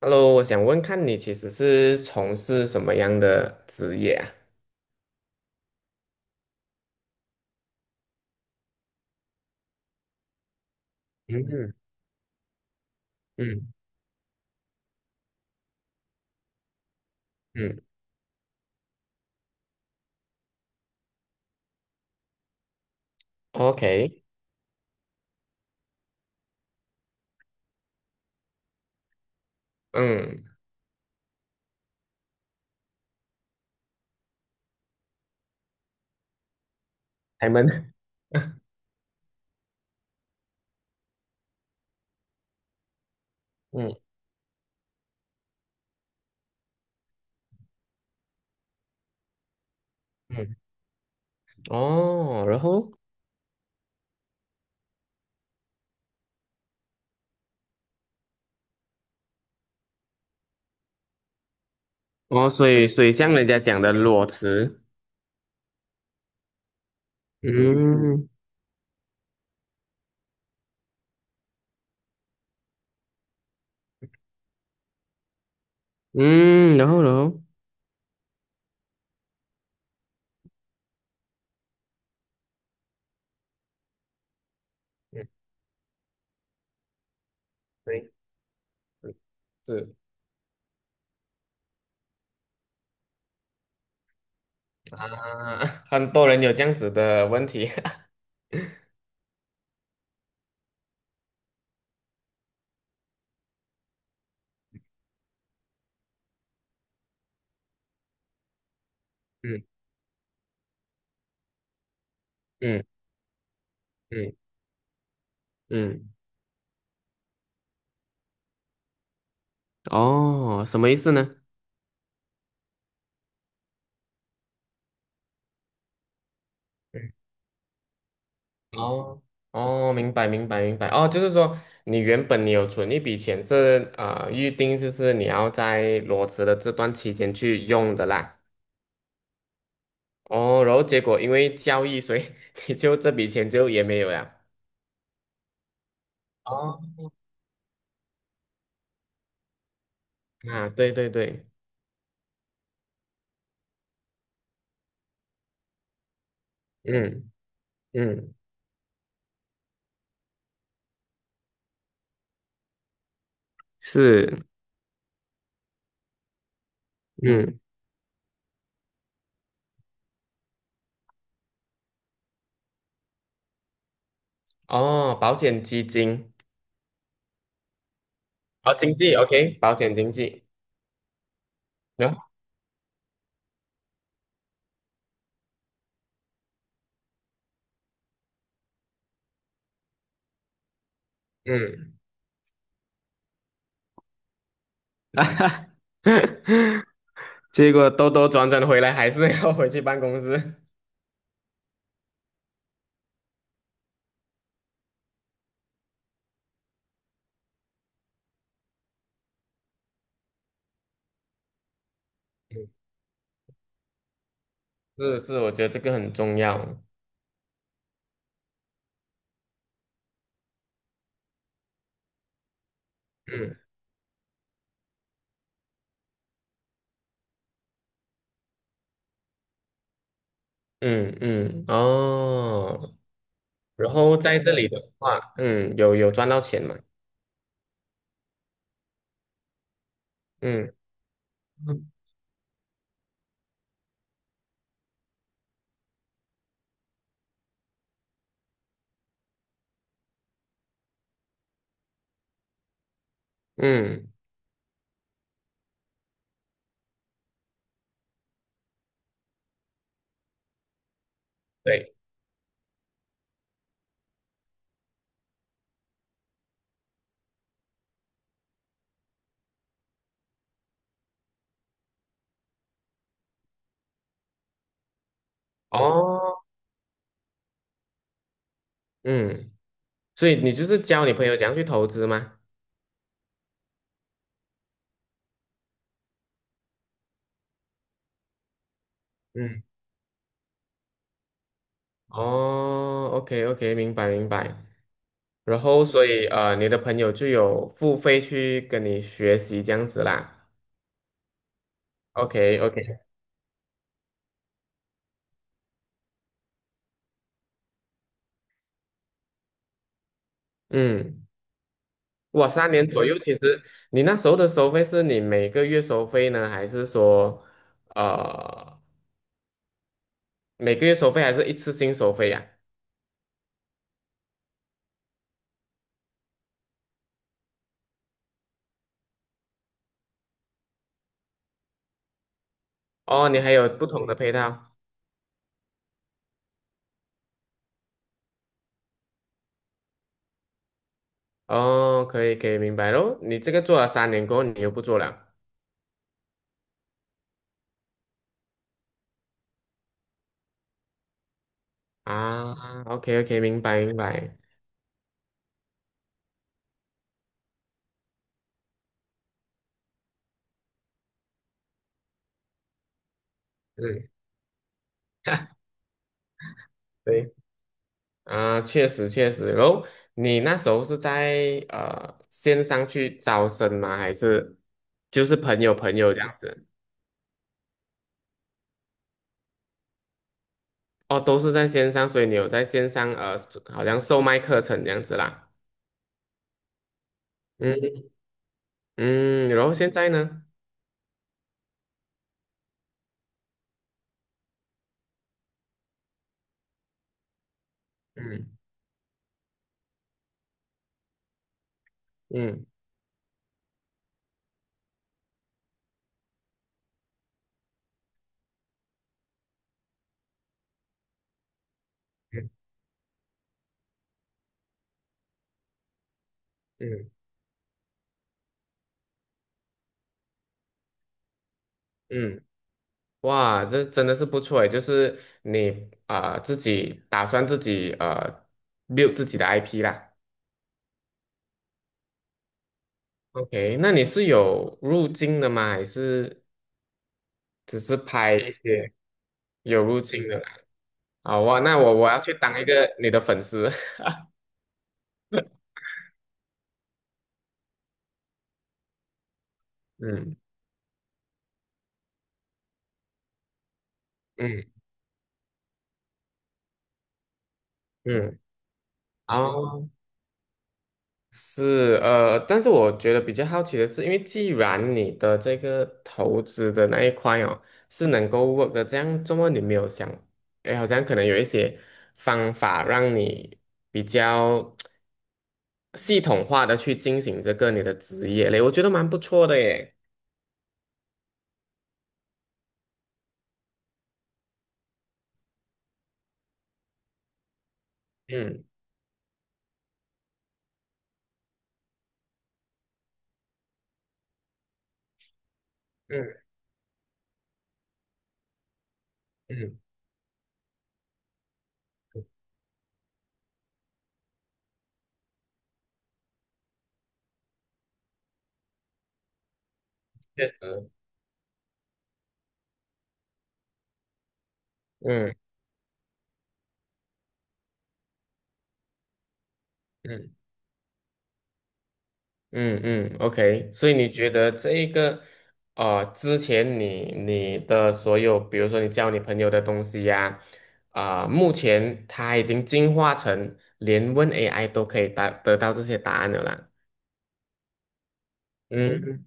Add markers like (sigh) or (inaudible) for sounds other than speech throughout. Hello，我想问看你其实是从事什么样的职业啊？嗯嗯嗯，OK。嗯，开门。(laughs) 嗯嗯。哦，然后哦，所以像人家讲的裸辞。嗯嗯。然后，嗯，对，嗯是啊。(laughs) 很多人有这样子的问题。(laughs) 嗯嗯嗯嗯，哦，什么意思呢？哦哦，明白哦，就是说你原本你有存一笔钱是啊、预定就是你要在裸辞的这段期间去用的啦。哦，然后结果因为交易，所以 (laughs) 你就这笔钱就也没有了。哦，啊，对对对，嗯嗯，是，嗯。哦，保险基金。哦，经济，OK，保险经济。嗯嗯。(laughs) 啊哈哈，结果兜兜转转回来还是要回去办公室。是是，我觉得这个很重要。嗯嗯嗯。哦，然后在这里的话，嗯，有有赚到钱嘛？嗯嗯嗯，对，哦，嗯，所以你就是教你朋友怎样去投资吗？嗯。哦，OK OK，明白明白。然后所以，你的朋友就有付费去跟你学习这样子啦。OK OK。嗯。哇，三年左右，其实你那时候的收费是你每个月收费呢，还是说，呃，每个月收费还是一次性收费呀、哦，你还有不同的配套。哦，可以可以，明白咯。你这个做了三年过后，你又不做了啊？OK OK，明白明白。嗯。(laughs) 对啊，确实确实。然后你那时候是在线上去招生吗？还是就是朋友这样子？哦，都是在线上，所以你有在线上好像售卖课程这样子啦。嗯嗯。然后现在呢？嗯嗯嗯嗯嗯，哇，这真的是不错诶，就是你啊、自己打算自己build 自己的 IP 啦。OK，那你是有入境的吗？还是只是拍一些有入境的啦？好哇，那我要去当一个你的粉丝。(laughs) 嗯嗯嗯。好。是，但是我觉得比较好奇的是，因为既然你的这个投资的那一块哦是能够 work 的，这样怎么你没有想，哎，好像可能有一些方法让你比较系统化的去进行这个你的职业嘞，我觉得蛮不错的耶。嗯嗯嗯，确实，嗯嗯。嗯嗯，OK，所以你觉得这一个，之前你的所有，比如说你教你朋友的东西呀，啊、目前它已经进化成连问 AI 都可以答得到这些答案了啦。嗯，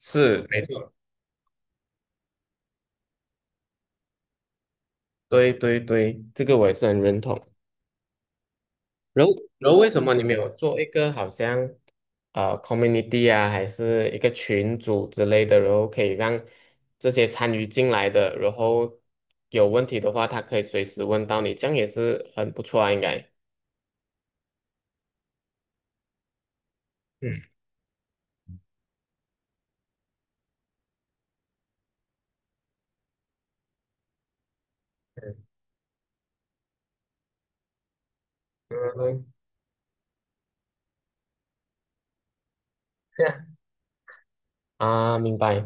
是，没错，对对对，这个我也是很认同。然后为什么你没有做一个好像？Community 啊，还是一个群组之类的，然后可以让这些参与进来的，然后有问题的话，他可以随时问到你，这样也是很不错啊，应该。嗯，嗯。这样，啊，明白，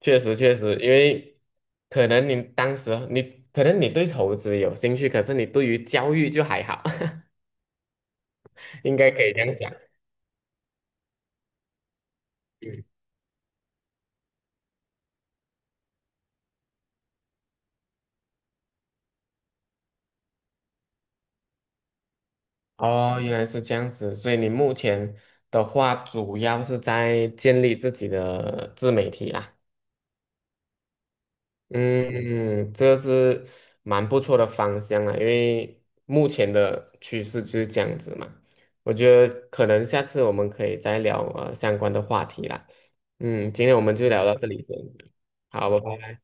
确实确实，因为可能你当时你可能你对投资有兴趣，可是你对于教育就还好。(laughs) 应该可以这样讲。嗯。哦，原来是这样子，所以你目前的话主要是在建立自己的自媒体啦。嗯，这是蛮不错的方向啊，因为目前的趋势就是这样子嘛。我觉得可能下次我们可以再聊相关的话题啦。嗯，今天我们就聊到这里先。好，拜拜。